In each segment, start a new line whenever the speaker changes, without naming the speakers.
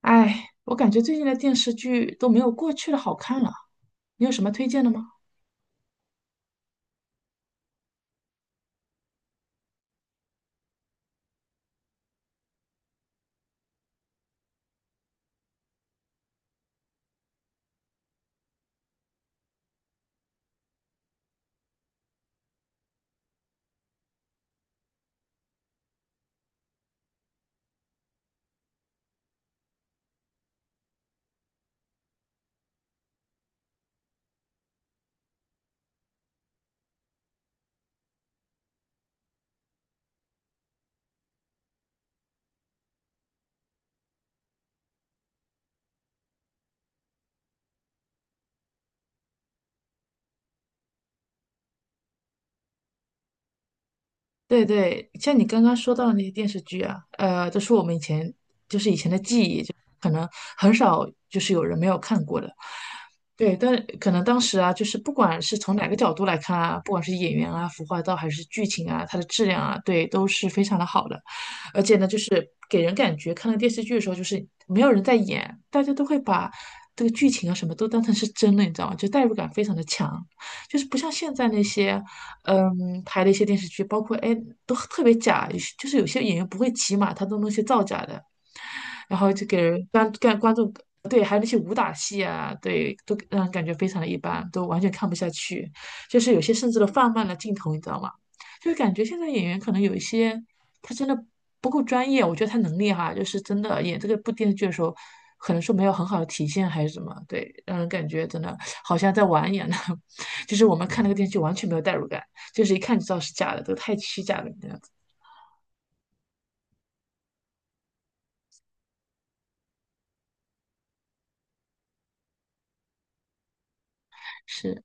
哎，我感觉最近的电视剧都没有过去的好看了，你有什么推荐的吗？对对，像你刚刚说到的那些电视剧啊，都是我们以前就是以前的记忆，就可能很少有人没有看过的。对，但可能当时啊，就是不管是从哪个角度来看啊，不管是演员啊、服化道还是剧情啊，它的质量啊，对，都是非常的好的。而且呢，就是给人感觉看了电视剧的时候，就是没有人在演，大家都会把这个剧情啊什么都当成是真的，你知道吗？就代入感非常的强。就是不像现在那些拍的一些电视剧，包括哎，都特别假，有些有些演员不会骑马，他都弄些造假的，然后就给人观众对，还有那些武打戏啊，对，都让人感觉非常的一般，都完全看不下去，就是有些甚至都放慢了镜头，你知道吗？就是感觉现在演员可能有一些他真的不够专业，我觉得他能力哈，就是真的演这个部电视剧的时候，可能说没有很好的体现还是什么，对，让人感觉真的好像在玩一样的，就是我们看那个电视剧完全没有代入感。就是一看就知道是假的，都太虚假了，这样子是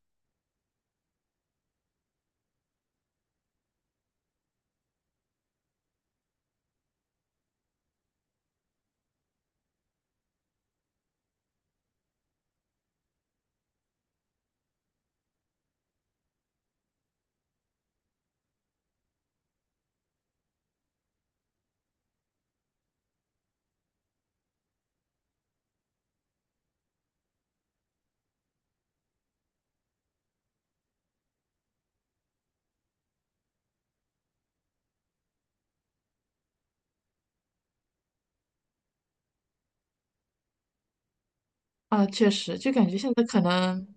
啊，确实就感觉现在可能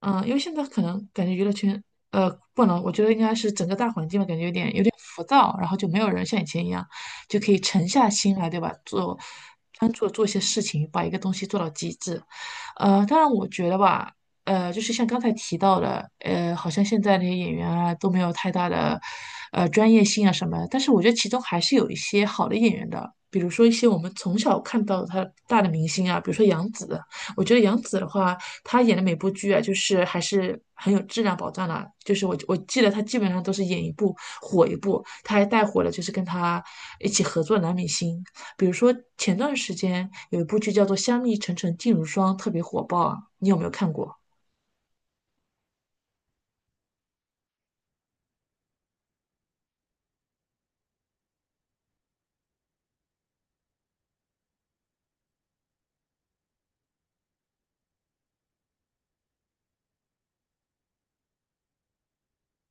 嗯，因为现在可能感觉娱乐圈，不能，我觉得应该是整个大环境吧，感觉有点浮躁，然后就没有人像以前一样，就可以沉下心来，对吧？专注的做一些事情，把一个东西做到极致。当然我觉得吧，就是像刚才提到的，好像现在那些演员啊都没有太大的，专业性啊什么，但是我觉得其中还是有一些好的演员的。比如说一些我们从小看到他大的明星啊，比如说杨紫，我觉得杨紫的话，他演的每部剧啊，就是还是很有质量保障的。就是我记得他基本上都是演一部火一部，他还带火了就是跟他一起合作的男明星，比如说前段时间有一部剧叫做《香蜜沉沉烬如霜》，特别火爆啊，你有没有看过？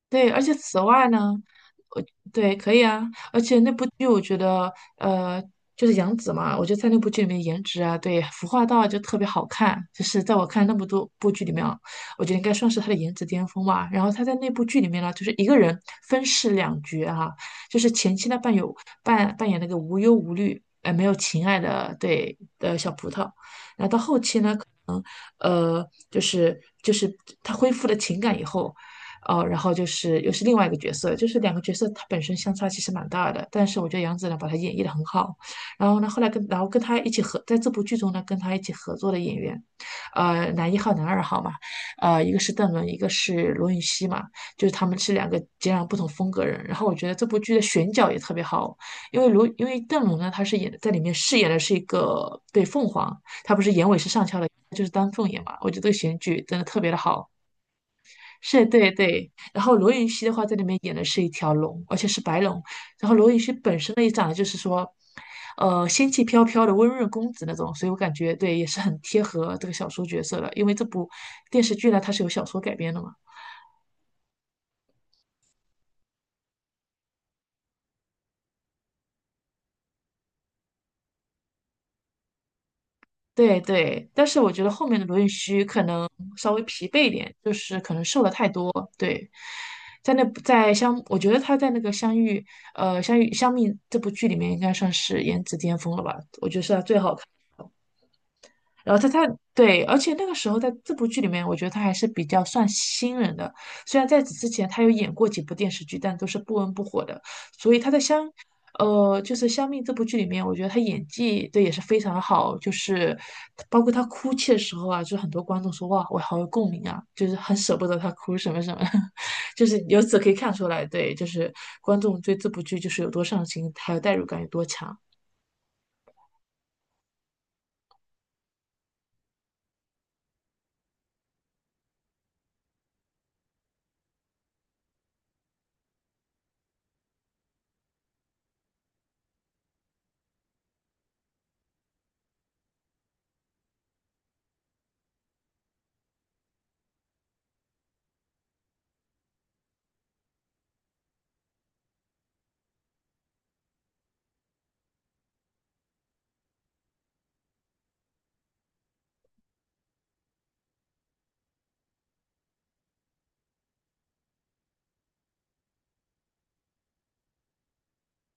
对，而且此外呢，对，可以啊，而且那部剧我觉得，呃，就是杨紫嘛，我觉得在那部剧里面颜值啊，对，服化道啊就特别好看，就是在我看那么多部剧里面啊，我觉得应该算是她的颜值巅峰吧。然后她在那部剧里面呢，就是一个人分饰两角啊，就是前期呢扮有扮扮演那个无忧无虑，没有情爱的对的小葡萄，然后到后期呢，可能就是她恢复了情感以后。哦，然后就是又是另外一个角色，就是两个角色它本身相差其实蛮大的，但是我觉得杨紫呢把它演绎的很好。然后呢，后来跟然后跟他一起合在这部剧中呢，跟他一起合作的演员，男一号、男二号嘛，一个是邓伦，一个是罗云熙嘛，就是他们是两个截然不同风格人。然后我觉得这部剧的选角也特别好，因为邓伦呢，他是演在里面饰演的是一个对凤凰，我也是上翘的，就是丹凤眼嘛，我觉得这个选举真的特别的好。是，对对。然后罗云熙的话，在里面演的是一条龙，而且是白龙。然后罗云熙本身呢，也长得就是说，仙气飘飘的温润公子那种，所以我感觉对，也是很贴合这个小说角色的。因为这部电视剧呢，它是由小说改编的嘛。对对，但是我觉得后面的罗云熙可能稍微疲惫一点，就是可能瘦了太多。对，在那在相，我觉得他在那个相遇，相遇这部剧里面应该算是颜值巅峰了吧？我觉得是他最好。然后他对，而且那个时候在这部剧里面，我觉得他还是比较算新人的。虽然在此之前他有演过几部电视剧，但都是不温不火的。就是《香蜜》这部剧里面，我觉得他演技对也是非常的好，就是包括他哭泣的时候啊，就是很多观众说哇，我好有共鸣啊，就是很舍不得他哭什么什么，就是由此可以看出来，对，就是观众对这部剧就是有多上心，还有代入感有多强。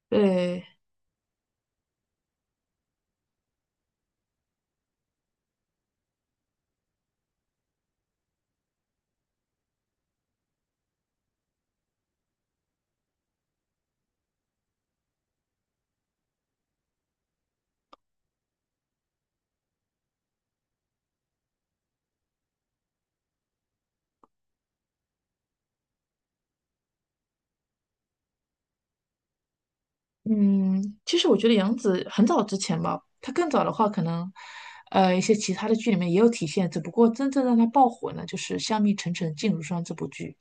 对，嗯，其实我觉得杨紫很早之前吧，她更早的话，可能，一些其他的剧里面也有体现，只不过真正让她爆火呢，就是《香蜜沉沉烬如霜》这部剧。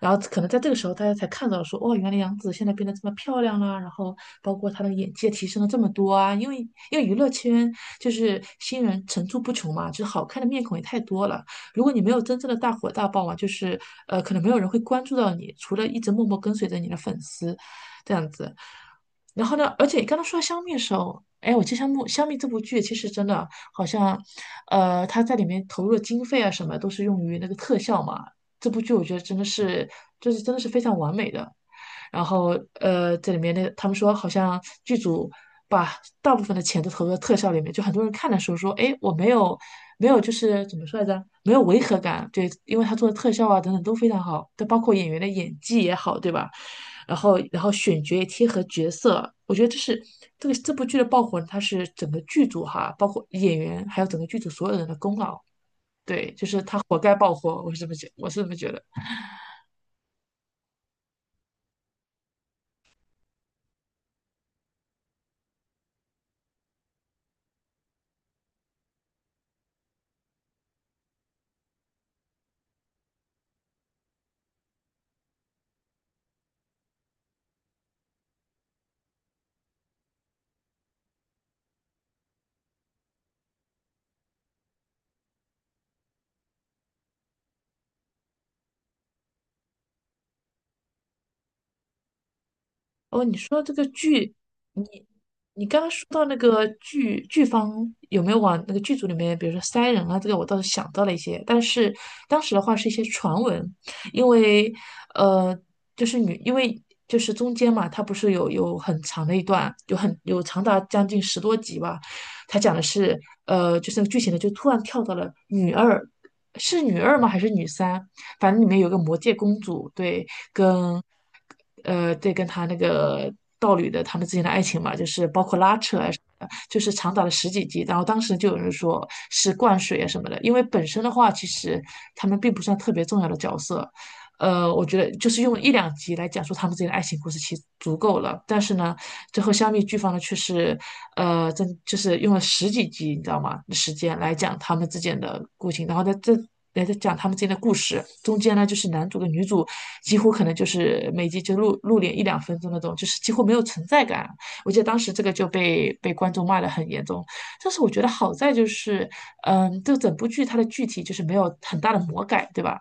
然后可能在这个时候，大家才看到说，哦，原来杨紫现在变得这么漂亮啦、然后包括她的演技也提升了这么多啊，因为娱乐圈就是新人层出不穷嘛，就是好看的面孔也太多了。如果你没有真正的大火大爆嘛，就是可能没有人会关注到你，除了一直默默跟随着你的粉丝这样子。然后呢，而且刚刚说到香蜜的时候，哎，我记得香蜜这部剧其实真的好像，它在里面投入的经费啊什么都是用于那个特效嘛，这部剧我觉得真的是，就是真的是非常完美的。然后这里面那他们说好像剧组把大部分的钱都投入到特效里面，就很多人看的时候说，哎，我没有没有就是怎么说来着，没有违和感，对，因为他做的特效啊等等都非常好，但包括演员的演技也好，对吧？然后选角也贴合角色，我觉得这个这部剧的爆火，它是整个剧组哈，包括演员还有整个剧组所有人的功劳。对，就是他活该爆火，我是这么觉得。哦，你说这个剧，你你刚刚说到那个剧剧方有没有往那个剧组里面，比如说塞人啊，这个我倒是想到了一些，但是当时的话是一些传闻，因为呃，就是女，因为就是中间嘛，它不是有很长的一段，有长达将近十多集吧，它讲的是就是那个剧情呢，就突然跳到了女二，是女二吗？还是女三？反正里面有个魔界公主，对。对，跟他那个道侣的他们之间的爱情嘛，就是包括拉扯啊什么的，就是长达了十几集。然后当时就有人说是灌水啊什么的，因为本身的话，其实他们并不算特别重要的角色，我觉得就是用一两集来讲述他们之间的爱情故事，其实足够了。但是呢，最后香蜜剧方呢却是，真就是用了十几集，你知道吗？时间来讲他们之间的故情，然后在这来再讲他们之间的故事。中间呢，就是男主跟女主几乎可能就是每集就露脸一两分钟那种，就是几乎没有存在感。我记得当时这个就被观众骂得很严重。但是我觉得好在就是，嗯，这整部剧它的剧体就是没有很大的魔改，对吧？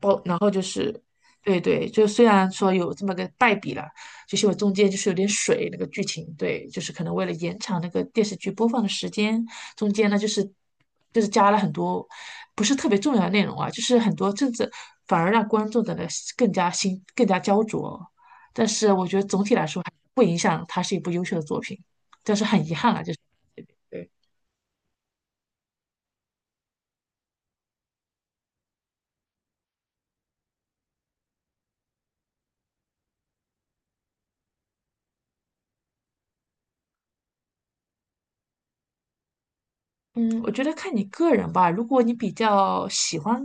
然后就是，对对，就虽然说有这么个败笔了，就是我中间就是有点水那个剧情，对，就是可能为了延长那个电视剧播放的时间，中间呢就是加了很多不是特别重要的内容啊，就是很多政治，反而让观众的呢更加焦灼，但是我觉得总体来说还不影响它是一部优秀的作品。嗯，我觉得看你个人吧。如果你比较喜欢，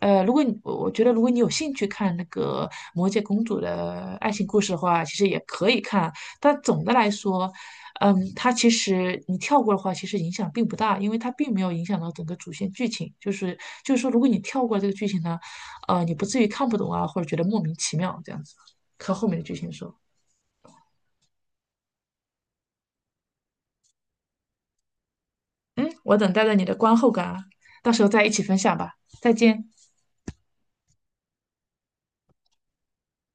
如果你我我觉得如果你有兴趣看那个《魔戒公主》的爱情故事的话，其实也可以看。但总的来说，嗯，它其实你跳过的话，其实影响并不大，因为它并没有影响到整个主线剧情。就是说，如果你跳过这个剧情呢，你不至于看不懂啊，或者觉得莫名其妙这样子。看后面的剧情说，嗯，我等待着你的观后感啊，到时候再一起分享吧。再见。